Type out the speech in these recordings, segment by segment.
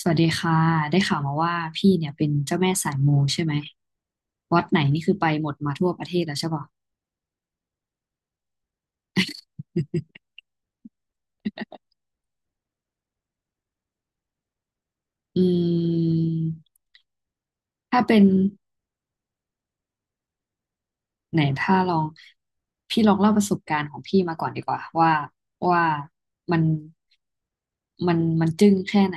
สวัสดีค่ะได้ข่าวมาว่าพี่เนี่ยเป็นเจ้าแม่สายมูใช่ไหมวัดไหนนี่คือไปหมดมาทั่วประเทศแล้วใช่ปะอืมถ้าเป็นไหนถ้าลองพี่ลองเล่าประสบการณ์ของพี่มาก่อนดีกว่าว่าว่ามันมันมันจึ้งแค่ไหน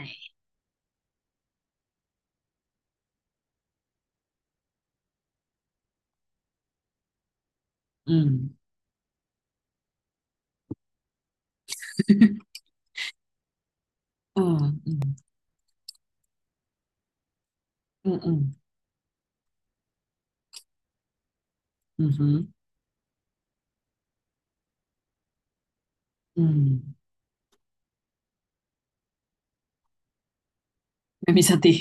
อืม อืมอืมอืมอืมอืมอืมอืมไม่มีสติ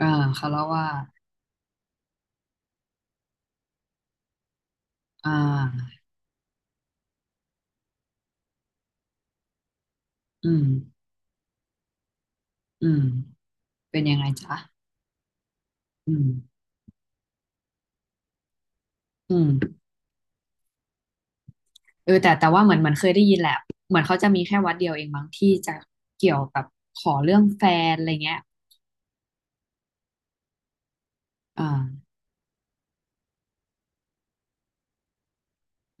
อ่าเขาเล่าว่าอ่าอืมอืมเป็นยังไงจ๊ะอืมอืม เออแต่ว่าเหมือนเหมันเคยได้ยินแหละเหมือนเขาจะมีแค่วัดเดียวเองบางที่จะเกี่ยวกับขอเรื่องแฟนอะไรเงี้ยอ่า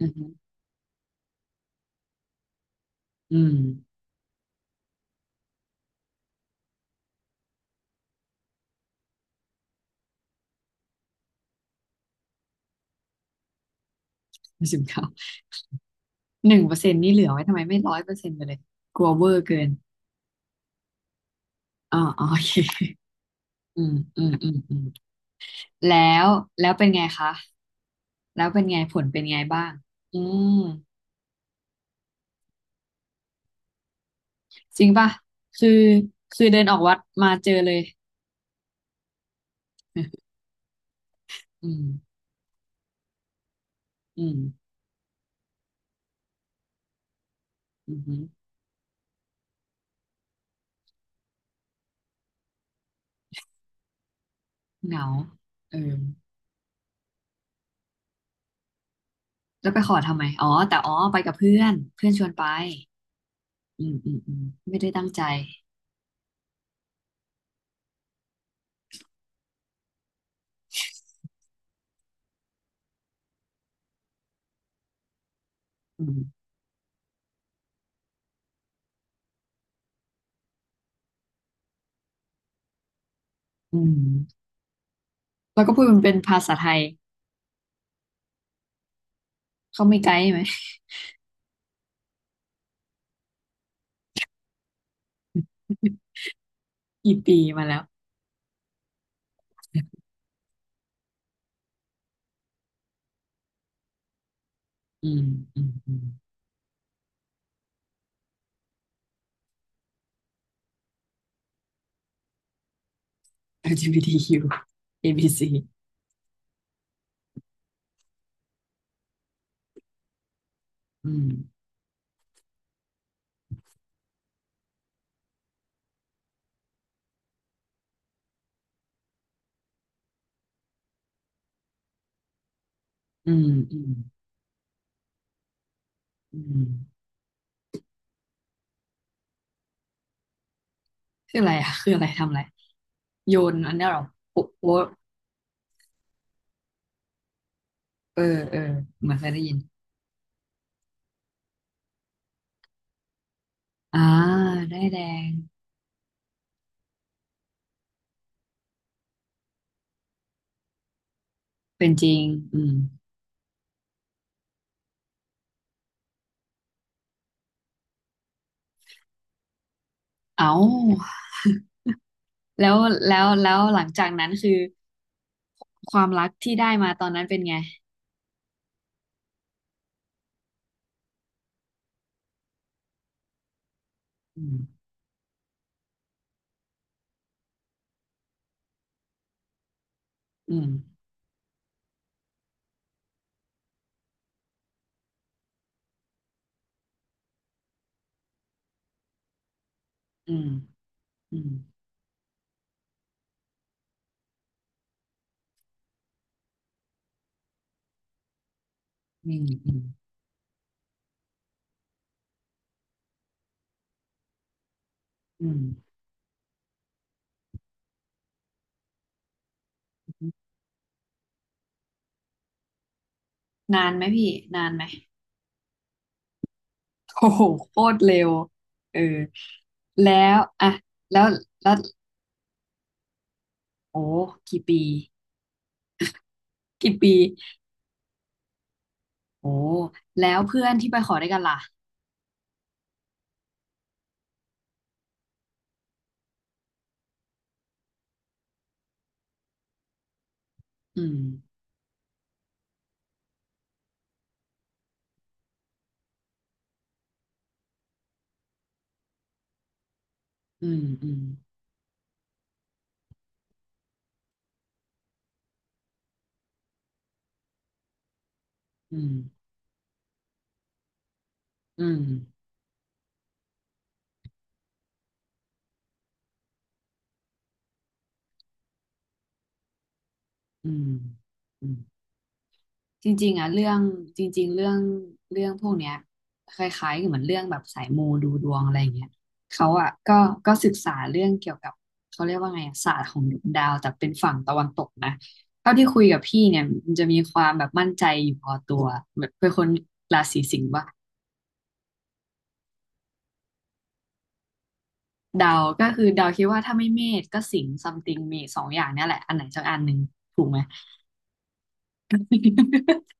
อืมอืมสิบเก้าหนึ่งเปอร์เซ็นต์นี่เหลือไว้ทำไมไม่ร้อยเปอร์เซ็นต์ไปเลยกลัวเวอร์เกินอ๋ออ๋อโอเค อืมอืมอืมอืมแล้วแล้วเป็นไงคะแล้วเป็นไงผลเป็นไงบ้างอืมจริงป่ะคือคือเดินออกวัดมาเจอเลย อืมอืมอืมเหงาเออ แล้วไปขอทำไม อ๋อ แต่อ๋อ ไปกับเพื่อน เพื่อนชวนไปอืมอืมอืมไม่ได้ตั้งใจอืมอืมแล้วก็พูดมันเป็นภาษาไทย เขาไม่ไกด์ไหม กี่ปีมาแล้วอืมอืมอืม LGBTQ ABC อบีซีอืมอืมอืมอืมคืออะไรอ่ะคืออะไรทำอะไร โยนอันเนี้ยเหรอโป๊ะโป๊ะเออ เออ เหมือนเคยได้ยิน อ่า ได้แดง เป็นจริงอืมเอ้า แล้วแล้วหลังจากนั้นคือความรักที่ได้มาตอนนั้นเป็นไง อืมอืมอืมอืมอืมอืมอืมนานไหมพี่นานไหมโอ้โหโคตรเร็วเออแล้วอะแล้วแล้วโอ้กี่ปีกี่ปีโอ้แล้วเพื่อนที่ไปขอด้วยกันล่ะอืมอืมอืมอืมอืมอืมอืม จริงๆอ่ะเรื่องจริงๆเรื่องเรื่องพวกเนี้ยคล้ายๆกับเหมือนเรื่องแบบสายมูดูดวงอะไรอย่างเงี้ยเขาอ่ะก็ก็ศึกษาเรื่องเกี่ยวกับเขาเรียกว่าไงอะศาสตร์ของดวงดาวแต่เป็นฝั่งตะวันตกนะเท่าที่คุยกับพี่เนี่ยมันจะมีความแบบมั่นใจอยู่พอตัวแบบเป็นคนราศีสิงห์ว่าดาวก็คือดาวคิดว่าถ้าไม่เมษก็สิงห์ซัมติงมีสองอย่างเนี่ยแหละอันไหนสักอันหนึ่งถูกไหม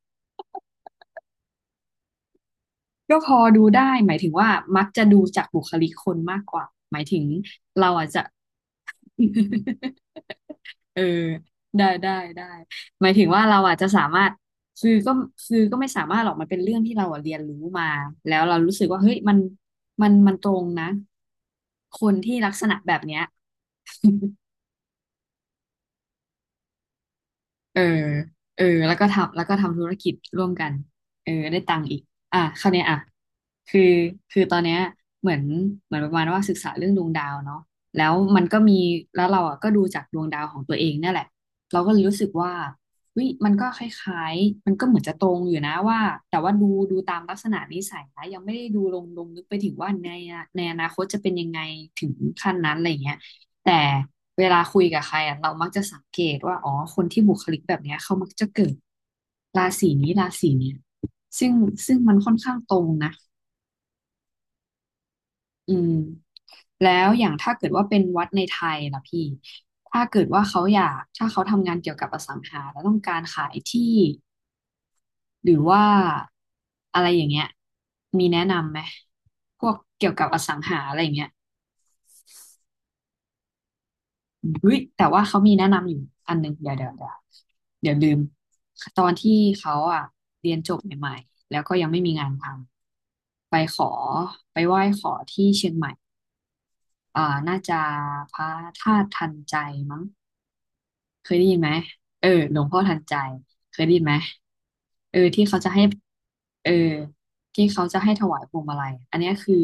ก็พอดูได้หมายถึงว่ามักจะดูจากบุคลิกคนมากกว่าหมายถึงเราอาจจะ เออได้ได้ได้หมายถึงว่าเราอาจจะสามารถคือก็คือก็ไม่สามารถหรอกมันเป็นเรื่องที่เราอะเรียนรู้มาแล้วเรารู้สึกว่าเฮ้ยมันมันตรงนะคนที่ลักษณะแบบเนี้ย เออเออแล้วก็ทำแล้วก็ทำธุรกิจร่วมกันเออได้ตังค์อีกอ่ะคราวเนี้ยอ่ะ คือคือตอนเนี้ยเหมือนเหมือนประมาณว่าศึกษาเรื่องดวงดาวเนาะแล้วมันก็มีแล้วเราอ่ะก็ดูจากดวงดาวของตัวเองเนี่ยแหละเราก็เลยรู้สึกว่าเฮ้ยมันก็คล้ายๆมันก็เหมือนจะตรงอยู่นะว่าแต่ว่าดูดูตามลักษณะนิสัยนะยังไม่ได้ดูลงลึกไปถึงว่าในในอนาคตจะเป็นยังไงถึงขั้นนั้นอะไรอย่างเงี้ยแต่ เวลาคุยกับใครอ่ะเรามักจะสังเกตว่าอ๋อคนที่บุคลิกแบบเนี้ยเขามักจะเกิดราศีนี้ราศีเนี้ยซึ่งซึ่งมันค่อนข้างตรงนะอืมแล้วอย่างถ้าเกิดว่าเป็นวัดในไทยล่ะพี่ถ้าเกิดว่าเขาอยากถ้าเขาทำงานเกี่ยวกับอสังหาแล้วต้องการขายที่ หรือว่าอะไรอย่างเงี้ย มีแนะนำไหมพวกเกี่ยวกับอสังหาอะไรอย่างเงี้ย เฮ้ยแต่ว่าเขามีแนะนำอยู่อันหนึ่งเดี๋ยวเดี๋ยวเดี๋ยวเดี๋ยวลืมตอนที่เขาอ่ะเรียนจบใหม่ๆแล้วก็ยังไม่มีงานทำไปขอไปไหว้ขอที่เชียงใหม่อ่าน่าจะพระธาตุทันใจมั้งเคยได้ยินไหมเออหลวงพ่อทันใจเคยได้ยินไหมเออที่เขาจะให้เออที่เขาจะให้ถวายพวงมาลัยอันเนี้ยคือ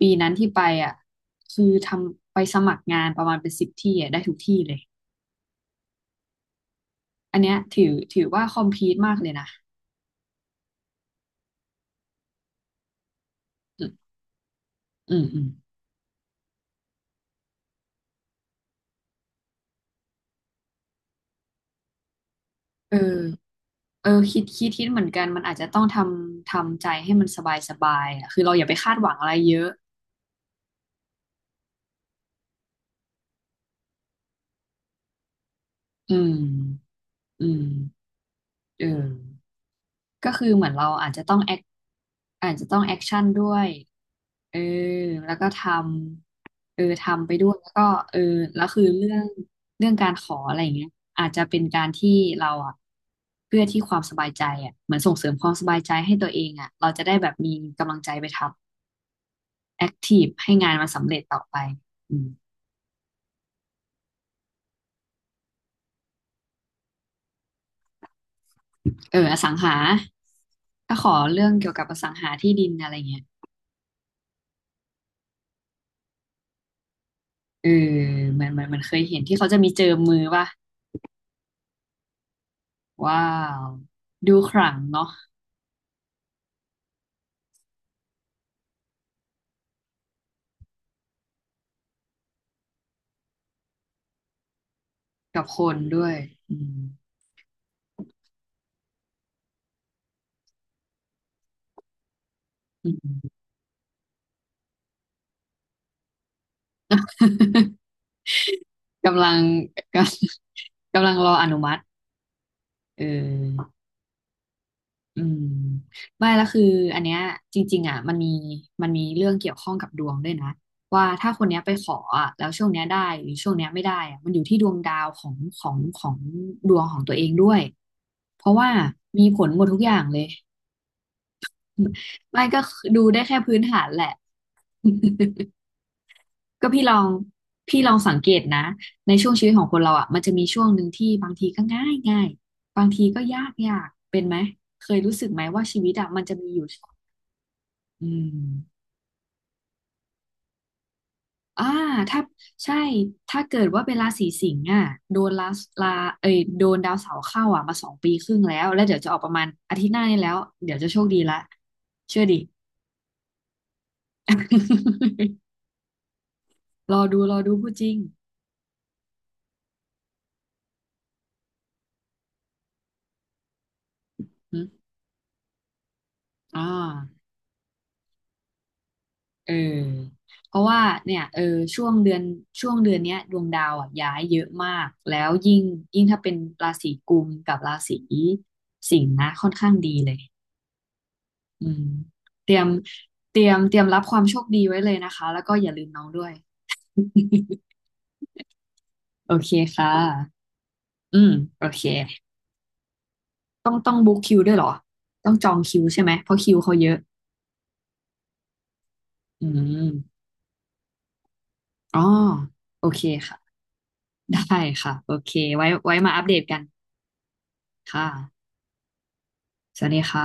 ปีนั้นที่ไปอ่ะคือทำไปสมัครงานประมาณเป็นสิบที่อ่ะได้ทุกที่เลย อันเนี้ยถือถือว่าคอมพีทมากเลยนะ อืมอืมอืมเออเออคิดคิดคิดเหมือนกันมันอาจจะต้องทำทำใจให้มันสบายสบายอ่ะคือเราอย่าไปคาดหวังอะไรเยอะ อืมอืมเออ ก็คือเหมือนเราอาจจะต้องแอคอาจจะต้องแอคชั่นด้วยเออแล้วก็ทำทำไปด้วยแล้วก็เออแล้วคือเรื่องเรื่องการขออะไรอย่างเงี้ยอาจจะเป็นการที่เราอ่ะเพื่อที่ความสบายใจอ่ะเหมือนส่งเสริมความสบายใจให้ตัวเองอ่ะเราจะได้แบบมีกำลังใจไปทำแอคทีฟให้งานมันสำเร็จต่อไปอืมอสังหาก็ขอเรื่องเกี่ยวกับอสังหาที่ดินอะไรเงี้ยเออเหมือนเคยเห็นที่เขาจะมีเจิมมือป่ะ ว้าวดูขลังเนาะกับคนด้วยอืม อืม กำลัง กำลังรออนุมัติเอออืมไม่แล้วคืออันเนี้ยจริงๆอ่ะมันมีมันมีเรื่องเกี่ยวข้องกับดวงด้วยนะว่าถ้าคนเนี้ยไปขออ่ะแล้วช่วงเนี้ยได้หรือช่วงเนี้ยไม่ได้อ่ะมันอยู่ที่ดวงดาวของดวงของตัวเองด้วยเพราะว่ามีผลหมดทุกอย่างเลย ไม่ก็ดูได้แค่พื้นฐานแหละ ก็พี่ลองสังเกตนะในช่วงชีวิตของคนเราอ่ะมันจะมีช่วงหนึ่งที่บางทีก็ง่ายง่ายบางทีก็ยากยากเป็นไหมเคยรู้สึกไหมว่าชีวิตอ่ะมันจะมีอยู่ช่วงอืมอ่าถ้าใช่ถ้าเกิดว่าเป็นราศีสิงห์อ่ะโดนลาลาเอ้ยโดนดาวเสาร์เข้าอ่ะมาสองปีครึ่งแล้วแล้วเดี๋ยวจะออกประมาณอาทิตย์หน้านี้แล้วเดี๋ยวจะโชคดีละเชื่อดิ รอดูรอดูพูดจริงอืมอ่า เออเพราะว่าเนี่ยช่วงเดือนช่วงเดือนเนี้ยดวงดาวอ่ะย้ายเยอะมากแล้วยิ่งถ้าเป็นราศีกุมกับราศีสิงห์นะค่อนข้างดีเลยอืมเตรียมเตรียมเตรียมรับความโชคดีไว้เลยนะคะแล้วก็อย่าลืมน้องด้วย โอเคค่ะอืมโอเคต้องบุ๊กคิวด้วยเหรอต้องจองคิวใช่ไหมเพราะคิวเขาเยอะอืมอ๋อโอเคค่ะได้ค่ะโอเคไว้ไว้มาอัปเดตกันค่ะสวัสดีค่ะ